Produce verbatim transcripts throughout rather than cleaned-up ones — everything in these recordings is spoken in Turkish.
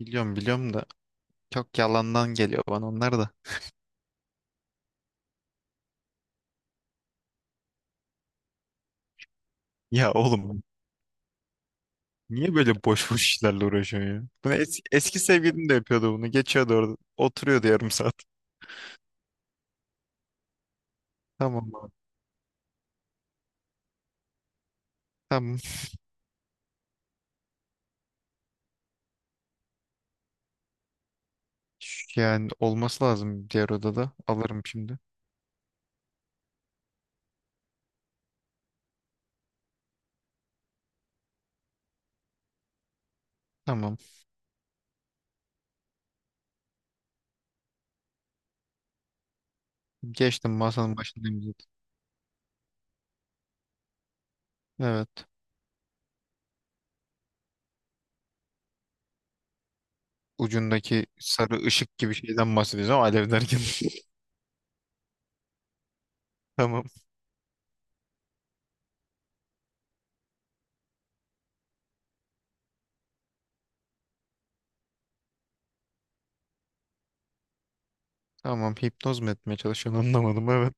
Biliyorum biliyorum da çok yalandan geliyor bana onlar da. Ya oğlum niye böyle boş boş işlerle uğraşıyorsun ya? Bunu es- eski sevgilim de yapıyordu bunu. Geçiyordu orada. Oturuyordu yarım saat. Tamam abi. Tamam. Ş- Yani olması lazım diğer odada. Alırım şimdi. Tamam. Geçtim masanın başındayım zaten. Evet. Ucundaki sarı ışık gibi şeyden bahsedeceğim alev derken. Tamam. Tamam. Hipnoz mu etmeye çalışıyorsun anlamadım. Evet.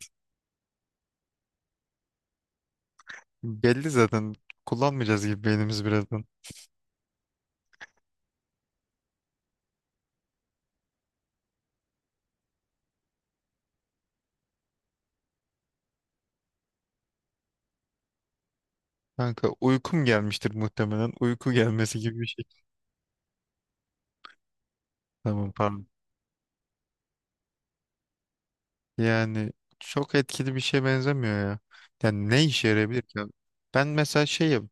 Belli zaten. Kullanmayacağız gibi beynimiz birazdan. Kanka uykum gelmiştir muhtemelen. Uyku gelmesi gibi bir şey. Tamam pardon. Yani çok etkili bir şeye benzemiyor ya. Yani ne işe yarayabilir ki? Ben mesela şeyim.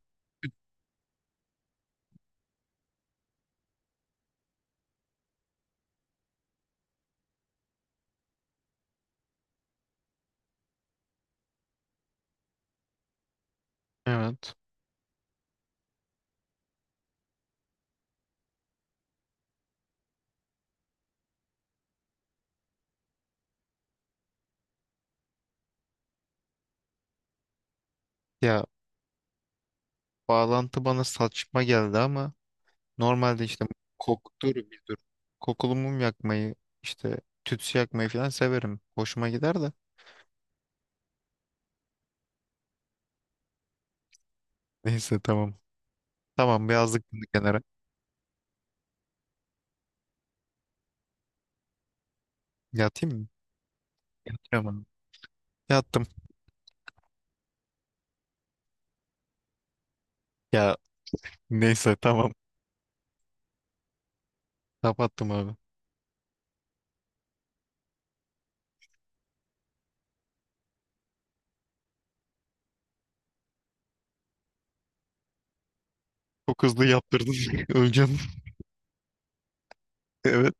Evet. Ya bağlantı bana saçma geldi ama normalde işte koktur bir dur. Kokulu mum yakmayı işte tütsü yakmayı falan severim. Hoşuma gider de. Neyse tamam. Tamam birazcık bunu kenara. Yatayım mı? Yatıyorum abi. Yattım. Ya neyse tamam. Kapattım abi. Çok hızlı yaptırdın. Öleceğim. Evet.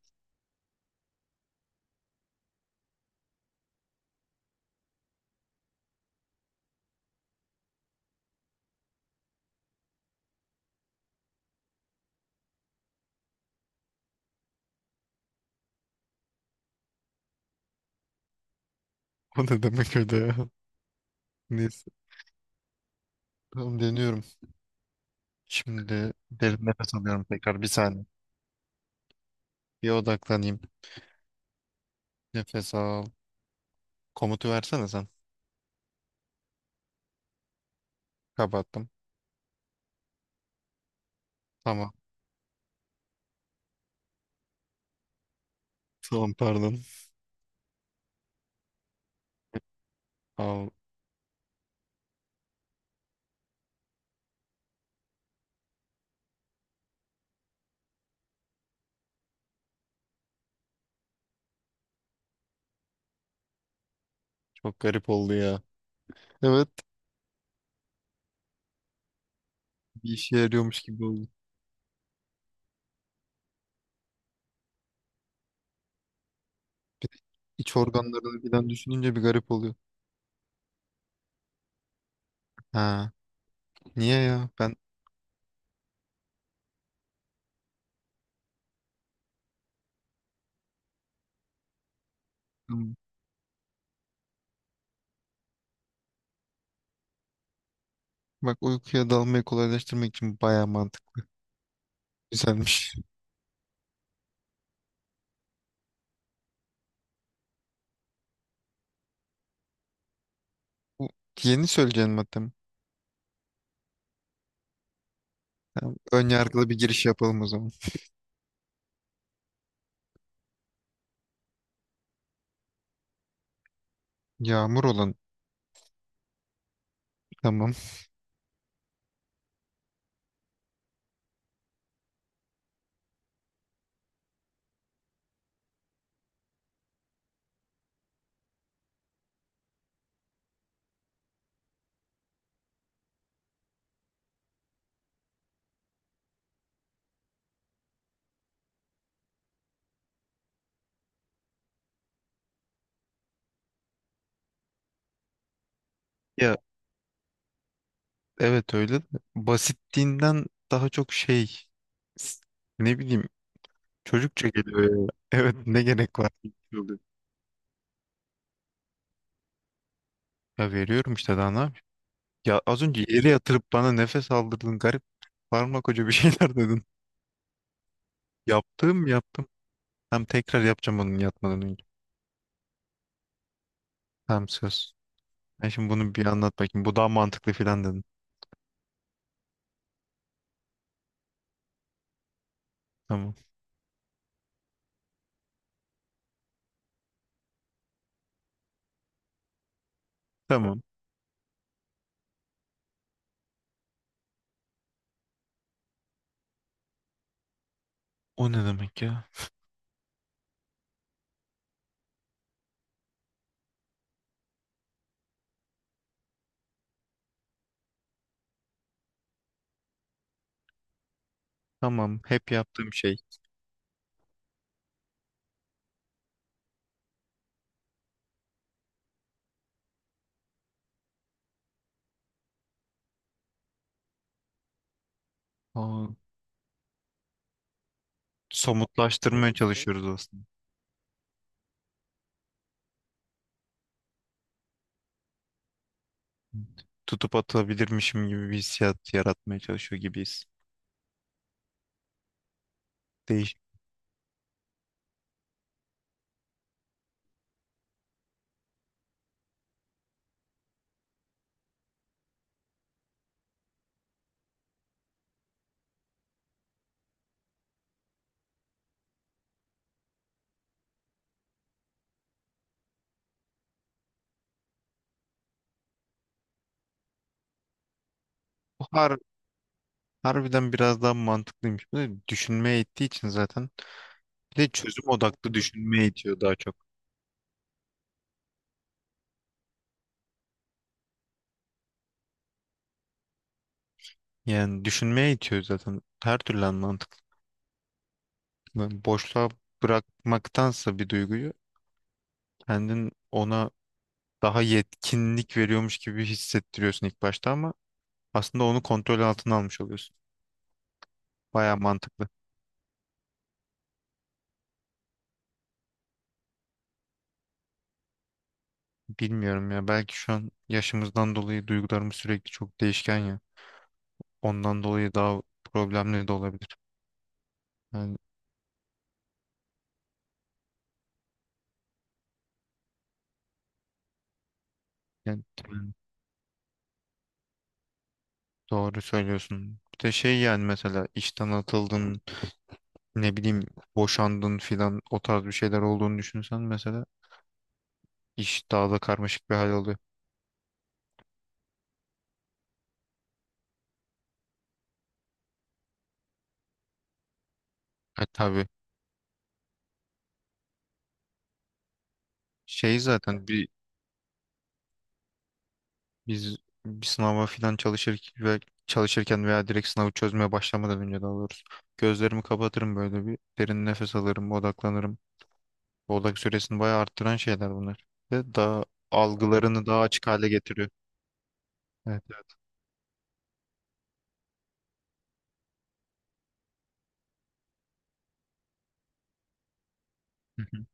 O ne demek öyle ya? Neyse. Tamam deniyorum. Şimdi derin nefes alıyorum tekrar. Bir saniye. Bir odaklanayım. Nefes al. Komutu versene sen. Kapattım. Tamam. Tamam pardon. Al. Çok garip oldu ya. Evet. Bir işe yarıyormuş gibi oldu. Bir de iç organlarını birden düşününce bir garip oluyor. Ha. Niye ya? Ben tamam. Bak uykuya dalmayı kolaylaştırmak için bayağı mantıklı. Güzelmiş. Bu yeni söyleyeceğin madde mi? Tamam, ön yargılı bir giriş yapalım o zaman. Yağmur olan. Tamam. Ya evet öyle de basitliğinden daha çok şey s- ne bileyim çocukça geliyor ya. Evet ne gerek var? Ya veriyorum işte daha ne yapayım? Ya az önce yere yatırıp bana nefes aldırdın garip koca bir şeyler dedin. Yaptım yaptım. Hem tekrar yapacağım onun yatmadan önce. Hem söz. Ben şimdi bunu bir anlat bakayım. Bu daha mantıklı filan dedin. Tamam. Tamam. O ne demek ya? Tamam. Hep yaptığım şey. Aa, somutlaştırmaya şey? çalışıyoruz aslında. Tutup atabilirmişim gibi bir hissiyat yaratmaya çalışıyor gibiyiz. Değişik. Bu har Harbiden biraz daha mantıklıymış. Bu da düşünmeye ittiği için zaten. Bir de çözüm odaklı düşünmeye itiyor daha çok. Yani düşünmeye itiyor zaten. Her türlü an mantıklı. Yani boşluğa bırakmaktansa bir duyguyu kendin ona daha yetkinlik veriyormuş gibi hissettiriyorsun ilk başta ama aslında onu kontrol altına almış oluyorsun. Baya mantıklı. Bilmiyorum ya belki şu an yaşımızdan dolayı duygularımız sürekli çok değişken ya. Ondan dolayı daha problemli de olabilir. Yani, yani yani doğru söylüyorsun. Bir de şey yani mesela işten atıldın, ne bileyim boşandın filan o tarz bir şeyler olduğunu düşünsen mesela iş daha da karmaşık bir hal alıyor. E tabii şey zaten bir biz bir sınava filan çalışır ve çalışırken veya direkt sınavı çözmeye başlamadan önce daha doğrusu gözlerimi kapatırım böyle bir derin nefes alırım, odaklanırım. Odak süresini bayağı arttıran şeyler bunlar. Ve daha algılarını daha açık hale getiriyor. Evet, evet. Hı hı.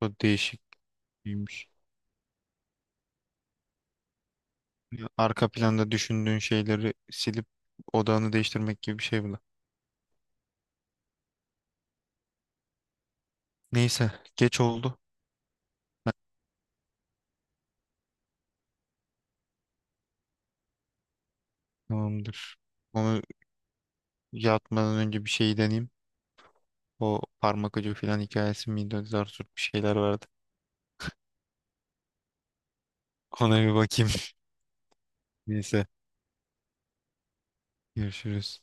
O değişik Değişikmiş. Arka planda düşündüğün şeyleri silip odağını değiştirmek gibi bir şey bu da. Neyse, geç oldu. Ben- Tamamdır. Onu yatmadan önce bir şey deneyeyim. O parmak ucu falan hikayesi miydi? Zar zor bir şeyler vardı. Ona bir bakayım. Neyse, görüşürüz.